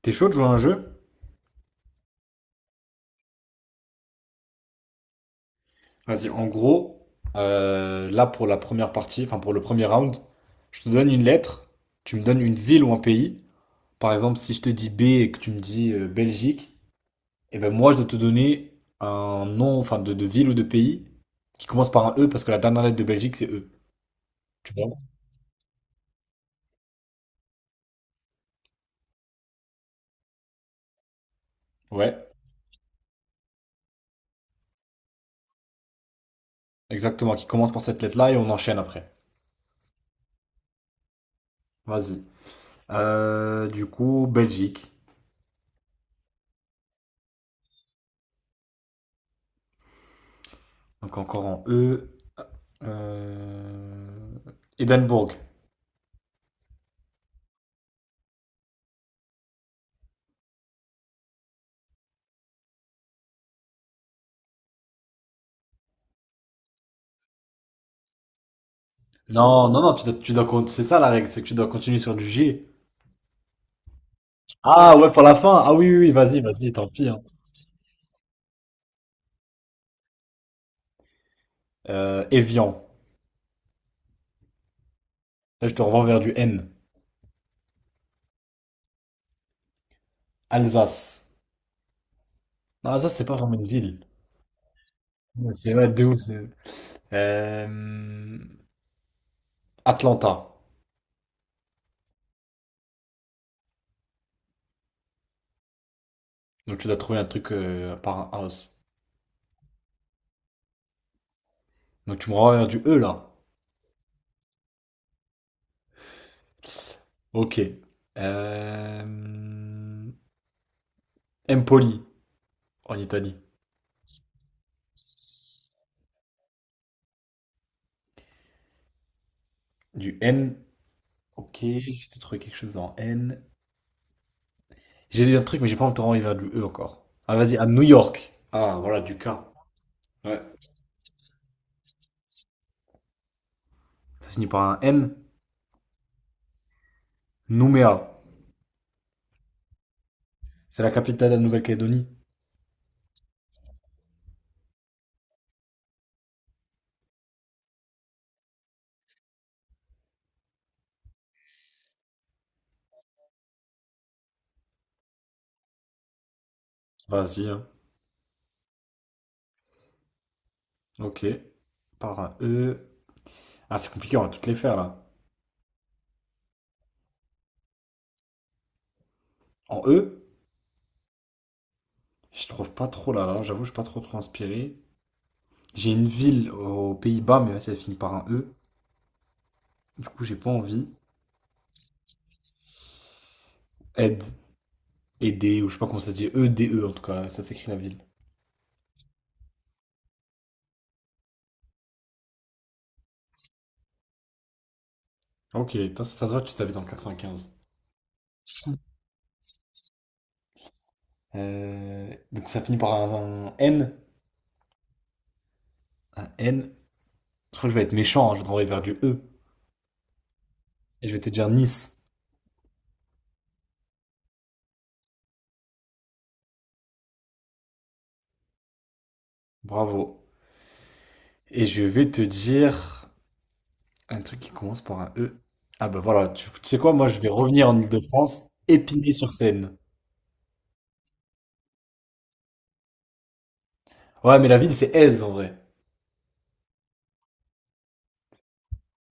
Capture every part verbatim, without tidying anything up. T'es chaud de jouer à un jeu? Vas-y, en gros, euh, là pour la première partie, enfin pour le premier round, je te donne une lettre, tu me donnes une ville ou un pays. Par exemple, si je te dis B et que tu me dis euh, Belgique, et ben moi je dois te donner un nom, enfin de, de ville ou de pays qui commence par un E parce que la dernière lettre de Belgique c'est E. Tu vois? Ouais, exactement, qui commence par cette lettre-là et on enchaîne après. Vas-y. Euh, du coup, Belgique. Donc encore en E. Euh... Édimbourg. Non, non, non, tu dois, tu dois, con- c'est ça la règle, c'est que tu dois continuer sur du G. Ah ouais, pour la fin. Ah oui, oui, oui, vas-y, vas-y, tant pis, hein. Euh, Evian. Là, je te renvoie vers du N. Alsace. Non, Alsace, c'est pas vraiment une ville. Ouais, c'est ouais, de ouf. C'est- Euh, Atlanta. Donc tu dois trouver un truc euh, par un house. Donc tu me renvoies vers du E là. Ok. Euh, Empoli en Italie. Du N. Ok, j'ai trouvé quelque chose en N. J'ai dit un truc, mais j'ai pas envie de renvoyer vers du E encore. Ah, vas-y, à New York. Ah, voilà, du K. Ouais. Ça finit par un N. Nouméa. C'est la capitale de la Nouvelle-Calédonie. Vas-y, hein. Ok. Par un E. Ah, c'est compliqué, on va toutes les faire, là. En E, je trouve pas trop, là, là. J'avoue, je suis pas trop, trop inspiré. J'ai une ville aux Pays-Bas, mais là, ça finit par un E. Du coup, j'ai pas envie. Aide. Aider, ou je sais pas comment ça se dit. E-D-E, en tout cas. Ça s'écrit la ville. Ok, toi, ça, ça se voit, tu t'habites dans le quatre-vingt-quinze. Euh, donc ça finit par un, un N. Un N. Je crois que je vais être méchant, hein, je vais t'envoyer vers du E. Et je vais te dire Nice. Bravo. Et je vais te dire un truc qui commence par un E. Ah bah voilà, tu, tu sais quoi, moi je vais revenir en Île-de-France, Épinay-sur-Seine. Ouais, mais la ville c'est Aise en vrai.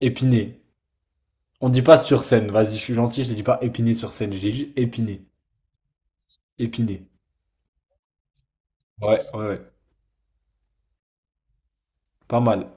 Épinay. On dit pas sur Seine, vas-y, je suis gentil, je ne dis pas Épinay-sur-Seine, j'ai juste Épinay. Épinay. Ouais, ouais, ouais. Pas mal.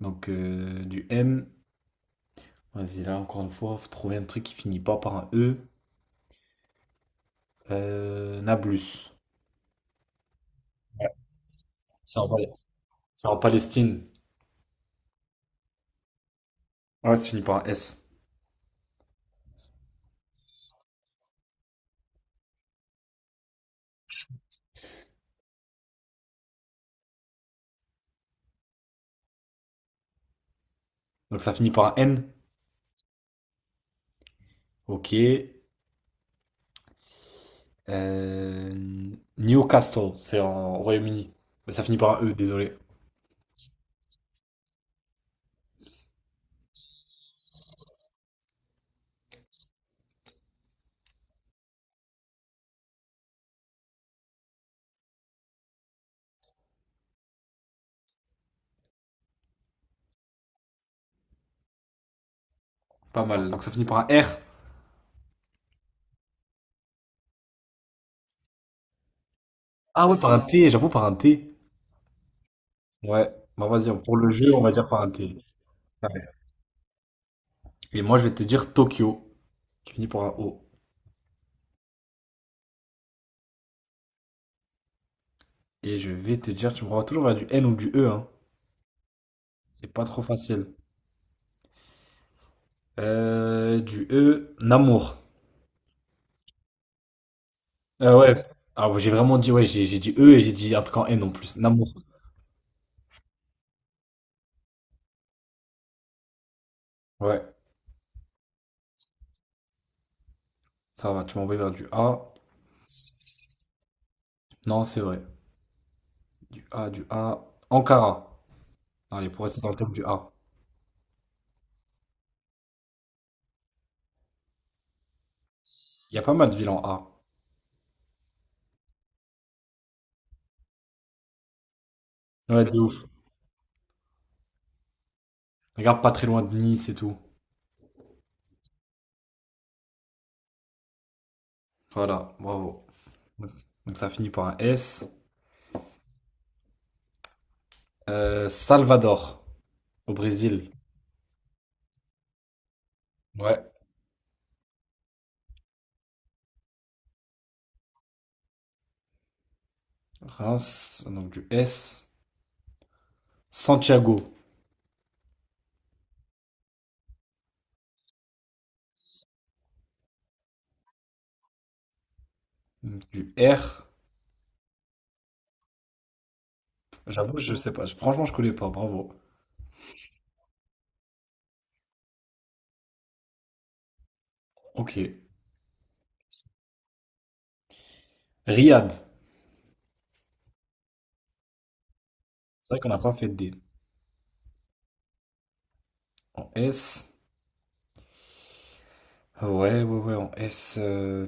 Donc euh, du M. Vas-y, là encore une fois, faut trouver un truc qui finit pas par un E. Euh, Nablus. Ouais. C'est en, Pal- c'est en Palestine. Ah ouais, ça finit par un S. Donc ça finit par un N. Ok. Euh, Newcastle, c'est en Royaume-Uni. Mais ça finit par un E, désolé. Pas mal. Donc ça finit par un R. Ah ouais, par un T, j'avoue, par un T. Ouais. Bah vas-y, pour le jeu, on va dire par un T. Et moi, je vais te dire Tokyo. Qui finit par un O. Et je vais te dire, tu me renvoies toujours vers du N ou du E, hein. C'est pas trop facile. Euh, du E, Namur. Ah ouais. Alors j'ai vraiment dit, ouais, j'ai j'ai dit E et j'ai dit un truc en N en plus. Namour. Ouais, ça va, tu m'as envoyé vers du A. Non, c'est vrai. Du A, du A. Ankara. Allez, pour rester dans le thème du A. Il y a pas mal de villes en A. Ouais, de ouf. Regarde, pas très loin de Nice et tout. Voilà, bravo. Donc ça finit par un S. Euh, Salvador, au Brésil. Ouais. Reims, donc du S. Santiago, donc du R. J'avoue, je sais pas. Franchement, je connais pas. Bravo. Ok. Riyad. C'est vrai qu'on n'a pas fait de D. En S. Ouais, ouais, ouais, en S. euh,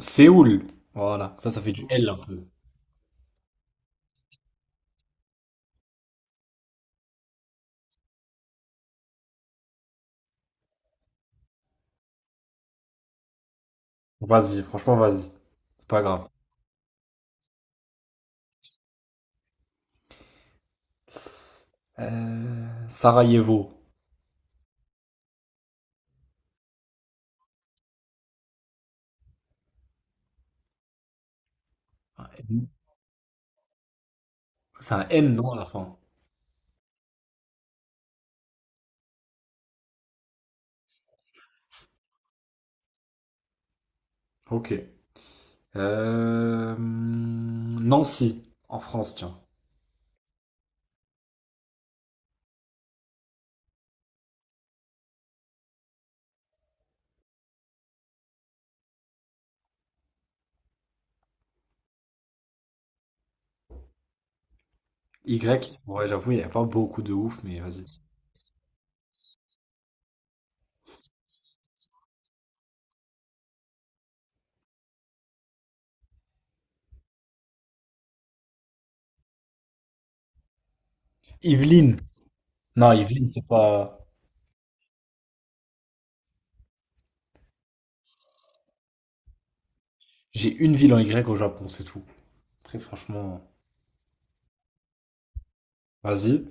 Séoul. Voilà, ça, ça fait du L un peu. Vas-y, franchement, vas-y. C'est pas grave. Euh, Sarajevo. Un N- C'est un N, non, à la fin. Ok. Euh, Nancy, en France, tiens. Y. Ouais, j'avoue, il n'y a pas beaucoup de ouf, mais vas-y. Yvelines. Non, Yvelines, c'est pas. J'ai une ville en Y au Japon, c'est tout. Après, franchement, vas-y.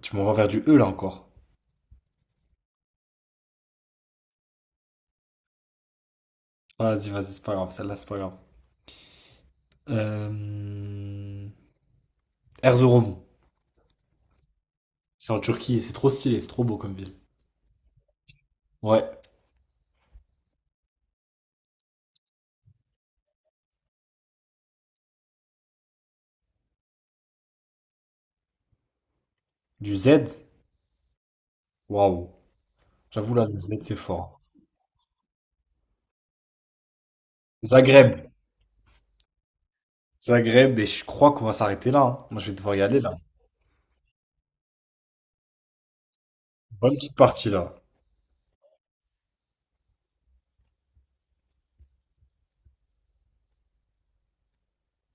Tu m'envoies vers du E là encore. Vas-y, vas-y, c'est pas grave, celle-là, c'est pas grave. Euh... Erzurum, c'est en Turquie, et c'est trop stylé, c'est trop beau comme ville. Ouais, du Z, waouh, j'avoue là, le Z, c'est fort. Zagreb, Zagreb, et je crois qu'on va s'arrêter là, hein. Moi, je vais devoir y aller là. Bonne petite partie là.